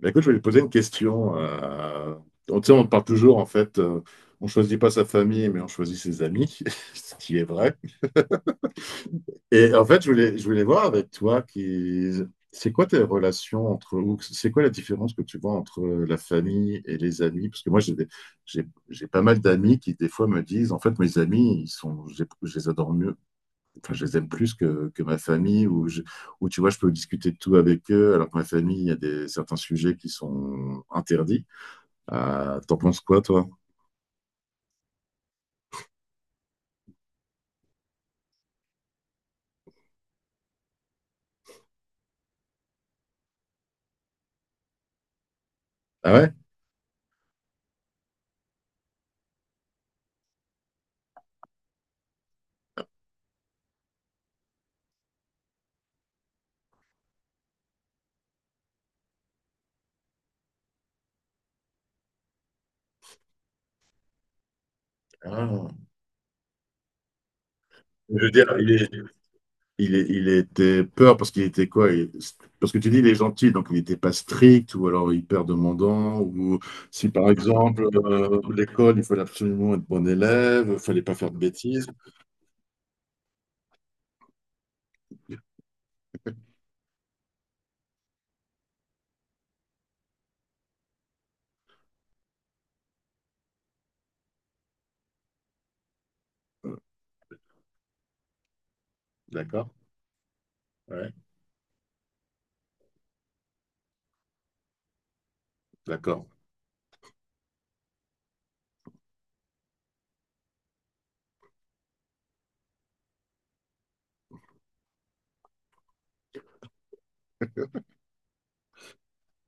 Mais écoute, je voulais te poser une question. Tu sais, on parle toujours, en fait, on choisit pas sa famille, mais on choisit ses amis, ce qui est vrai. Et en fait, je voulais voir avec toi, c'est quoi tes relations entre, ou c'est quoi la différence que tu vois entre la famille et les amis? Parce que moi, j'ai pas mal d'amis qui, des fois, me disent, en fait, mes amis, ils sont, je les adore mieux, enfin, je les aime plus que ma famille, ou tu vois, je peux discuter de tout avec eux, alors que ma famille, il y a certains sujets qui sont interdits. T'en penses quoi, toi? Ah ouais? Ah. Je veux dire, il était peur parce qu'il était quoi? Parce que tu dis, il est gentil, donc il n'était pas strict ou alors hyper demandant. Ou si par exemple, l'école, il fallait absolument être bon élève, il fallait pas faire de bêtises. Euh, D'accord? Ouais, d'accord.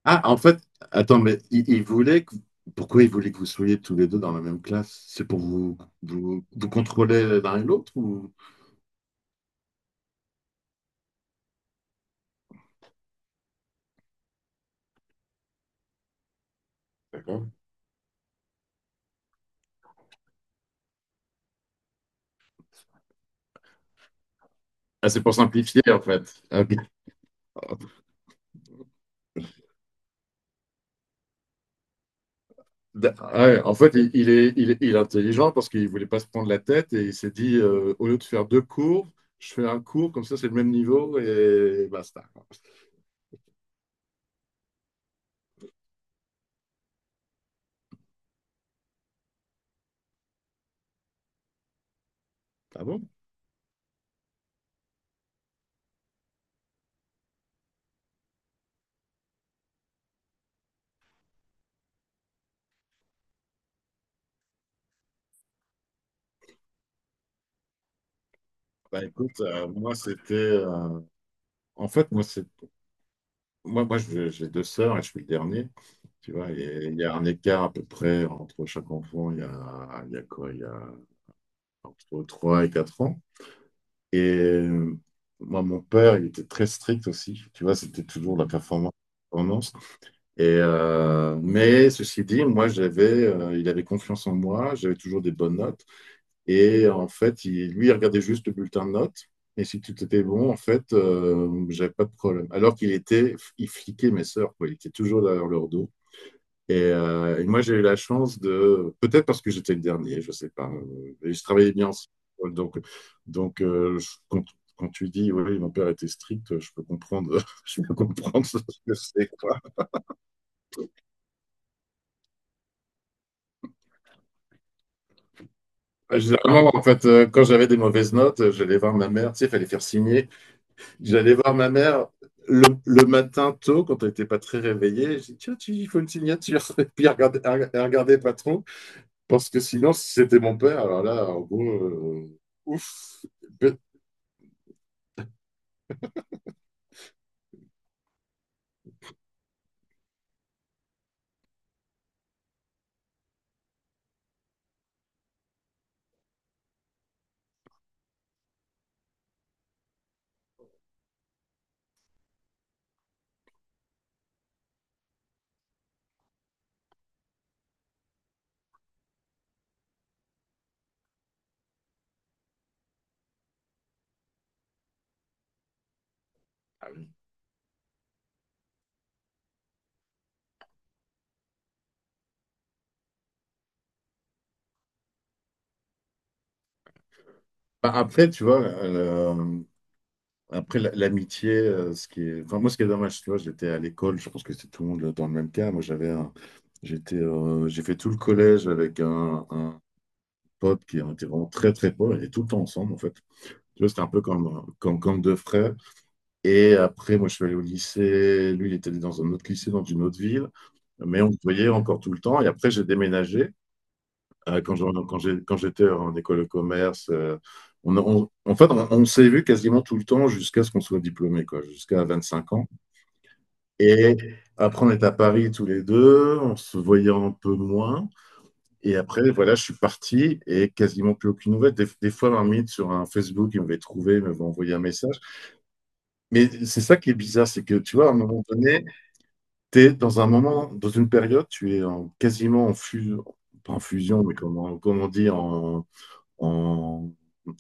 Ah, en fait, attends, mais pourquoi il voulait que vous soyez tous les deux dans la même classe? C'est pour vous vous contrôler l'un et l'autre ou... D'accord. Ah, c'est pour simplifier, en fait. Ah, ok. Ah ouais, en fait, il est intelligent parce qu'il voulait pas se prendre la tête et il s'est dit au lieu de faire deux cours, je fais un cours, comme ça c'est le même niveau et basta. Ah bon? Bah écoute, moi c'était. En fait, moi c'est. Moi, moi je- j'ai deux sœurs et je suis le dernier. Tu vois, et il y a un écart à peu près entre chaque enfant, il y a quoi? Il y a entre 3 et 4 ans. Et moi, mon père, il était très strict aussi. Tu vois, c'était toujours la performance. Mais ceci dit, moi, il avait confiance en moi, j'avais toujours des bonnes notes. Et en fait, lui, il regardait juste le bulletin de notes. Et si tout était bon, en fait, j'avais pas de problème. Alors qu'il fliquait mes sœurs, quoi. Il était toujours derrière leur dos. Et, moi, j'ai eu la chance de, peut-être parce que j'étais le dernier, je sais pas. Et je travaillais bien ensemble. Donc, donc, quand tu dis, oui, mon père était strict, je peux comprendre, je peux comprendre ce que c'est. Ouais, généralement, en fait, quand j'avais des mauvaises notes, j'allais voir ma mère, tu sais, il fallait faire signer. J'allais voir ma mère le matin tôt, quand elle n'était pas très réveillée. Je dis, tiens, il faut une signature. Et puis, elle regardait pas trop, parce que sinon, si c'était mon père, alors là, en gros, ouf. Peu- Bah, après, tu vois, après l'amitié, enfin, moi, ce qui est dommage, tu vois, j'étais à l'école, je pense que c'est tout le monde dans le même cas. Moi, j'ai fait tout le collège avec un, potes qui ont été vraiment très très potes, on était tout le temps ensemble en fait. Tu vois, c'était un peu comme deux frères. Et après, moi, je suis allé au lycée. Lui, il était dans un autre lycée, dans une autre ville. Mais on se voyait encore tout le temps. Et après, j'ai déménagé. Quand j'étais en école de commerce, en fait, on s'est vu quasiment tout le temps jusqu'à ce qu'on soit diplômé, quoi, jusqu'à 25 ans. Et après, on était à Paris tous les deux. On se voyait un peu moins. Et après, voilà, je suis parti et quasiment plus aucune nouvelle. Des fois, un sur un Facebook, il m'avait trouvé, il m'avait envoyé un message. Mais c'est ça qui est bizarre, c'est que tu vois, à un moment donné, tu es dans un moment, dans une période, quasiment en fusion, pas en fusion, mais comment dire, en,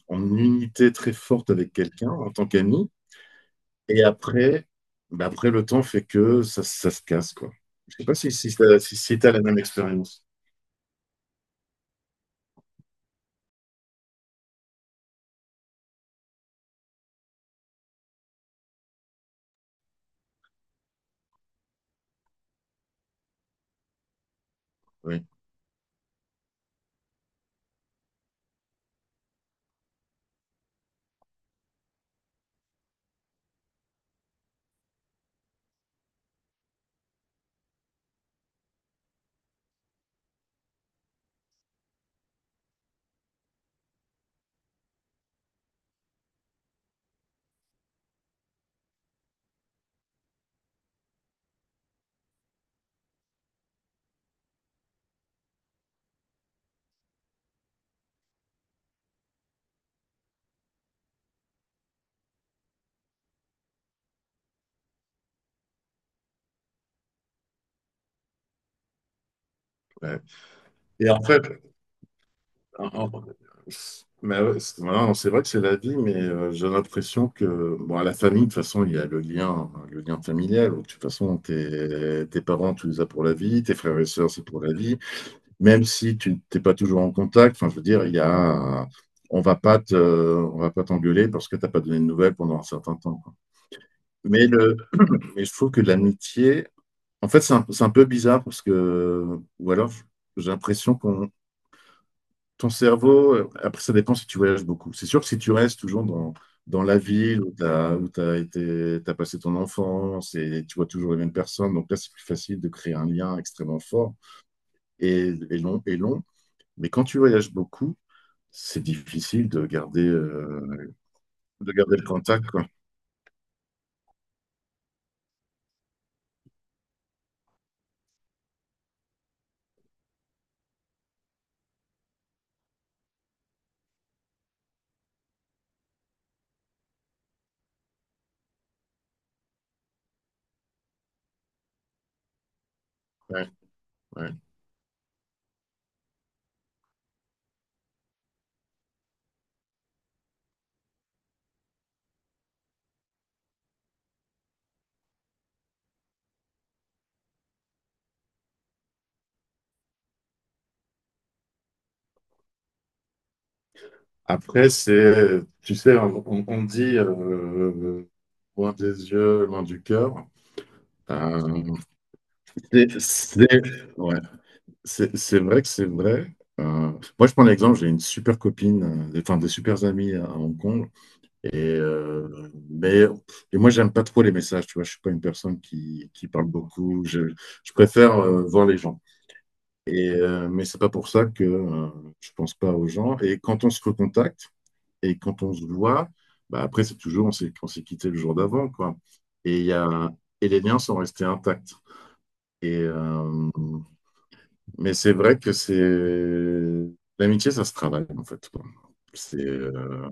en unité très forte avec quelqu'un en tant qu'ami. Et après, bah après, le temps fait que ça se casse, quoi. Je sais pas si t'as la même expérience. Oui. Ouais. Et après, en- Mais ouais, c'est voilà, c'est vrai que c'est la vie, mais j'ai l'impression que bon, à la famille, de toute façon, il y a le lien, hein, le lien familial. De toute façon, tes parents, tu les as pour la vie, tes frères et sœurs, c'est pour la vie. Même si tu t'es pas toujours en contact, enfin, je veux dire, il y a, on va pas te, on va pas t'engueuler parce que t'as pas donné de nouvelles pendant un certain temps, quoi. Mais le, mais je trouve que l'amitié, en fait, c'est un peu bizarre parce que, ou alors, j'ai l'impression qu'on ton cerveau, après, ça dépend si tu voyages beaucoup. C'est sûr que si tu restes toujours dans la ville où t'as été, t'as passé ton enfance et tu vois toujours les mêmes personnes, donc là, c'est plus facile de créer un lien extrêmement fort et long, et long. Mais quand tu voyages beaucoup, c'est difficile de garder le contact, quoi. Ouais, ouais. Après, c'est, tu sais, on dit loin des yeux, loin du cœur. Euh, c'est, c'est- ouais. C'est vrai que c'est vrai. Moi, je prends l'exemple, j'ai une super copine, enfin des super amis à Hong Kong. Et, euh, mais, et moi, j'aime pas trop les messages, tu vois. Je suis pas une personne qui parle beaucoup. Je préfère voir les gens. Mais c'est pas pour ça que je pense pas aux gens. Et quand on se recontacte et quand on se voit, bah, après, c'est toujours, on s'est quitté le jour d'avant, quoi. Et, il y a, et les liens sont restés intacts. Et, euh, mais c'est vrai que c'est l'amitié, ça se travaille en fait, quoi. C'est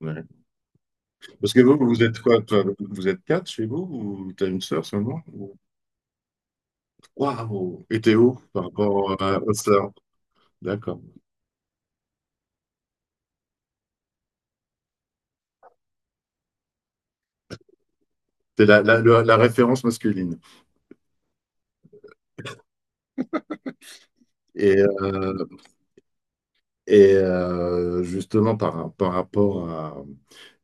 ouais. Parce que vous êtes quoi, toi? Vous êtes quatre chez vous ou t'as une sœur seulement? Waouh! Et t'es où par rapport aux sœurs? D'accord. C'est la référence masculine. Et, euh, et justement, par rapport à...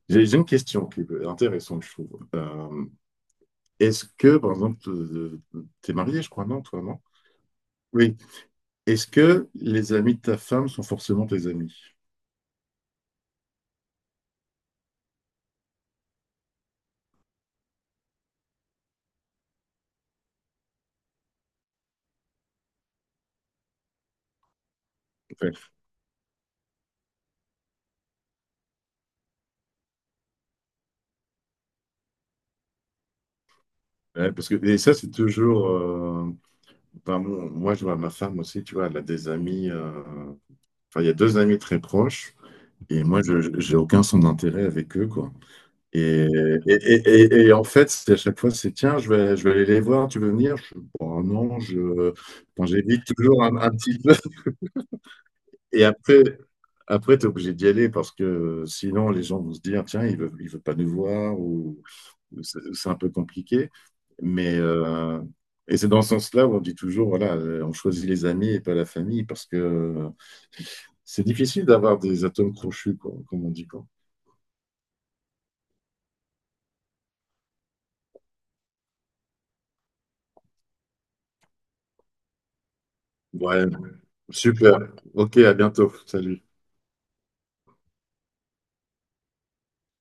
J'ai une question qui est intéressante, je trouve. Est-ce que, par exemple, t'es marié, je crois, non, toi, non? Oui. Est-ce que les amis de ta femme sont forcément tes amis? Ouais, ouais, parce que et ça c'est toujours. Enfin, moi je vois ma femme aussi, tu vois, elle a des amis. Enfin, il y a deux amis très proches et moi j'ai aucun son d'intérêt avec eux quoi. Et, et en fait c'est à chaque fois c'est tiens je vais aller les voir, tu veux venir? Bon, non je. Enfin, j'évite toujours un petit peu. Et après t'es obligé d'y aller parce que sinon les gens vont se dire tiens il veut pas nous voir c'est un peu compliqué. Mais c'est dans ce sens-là où on dit toujours, voilà, on choisit les amis et pas la famille, parce que c'est difficile d'avoir des atomes crochus, quoi, comme on dit. Quoi. Ouais, super. Ok, à bientôt. Salut.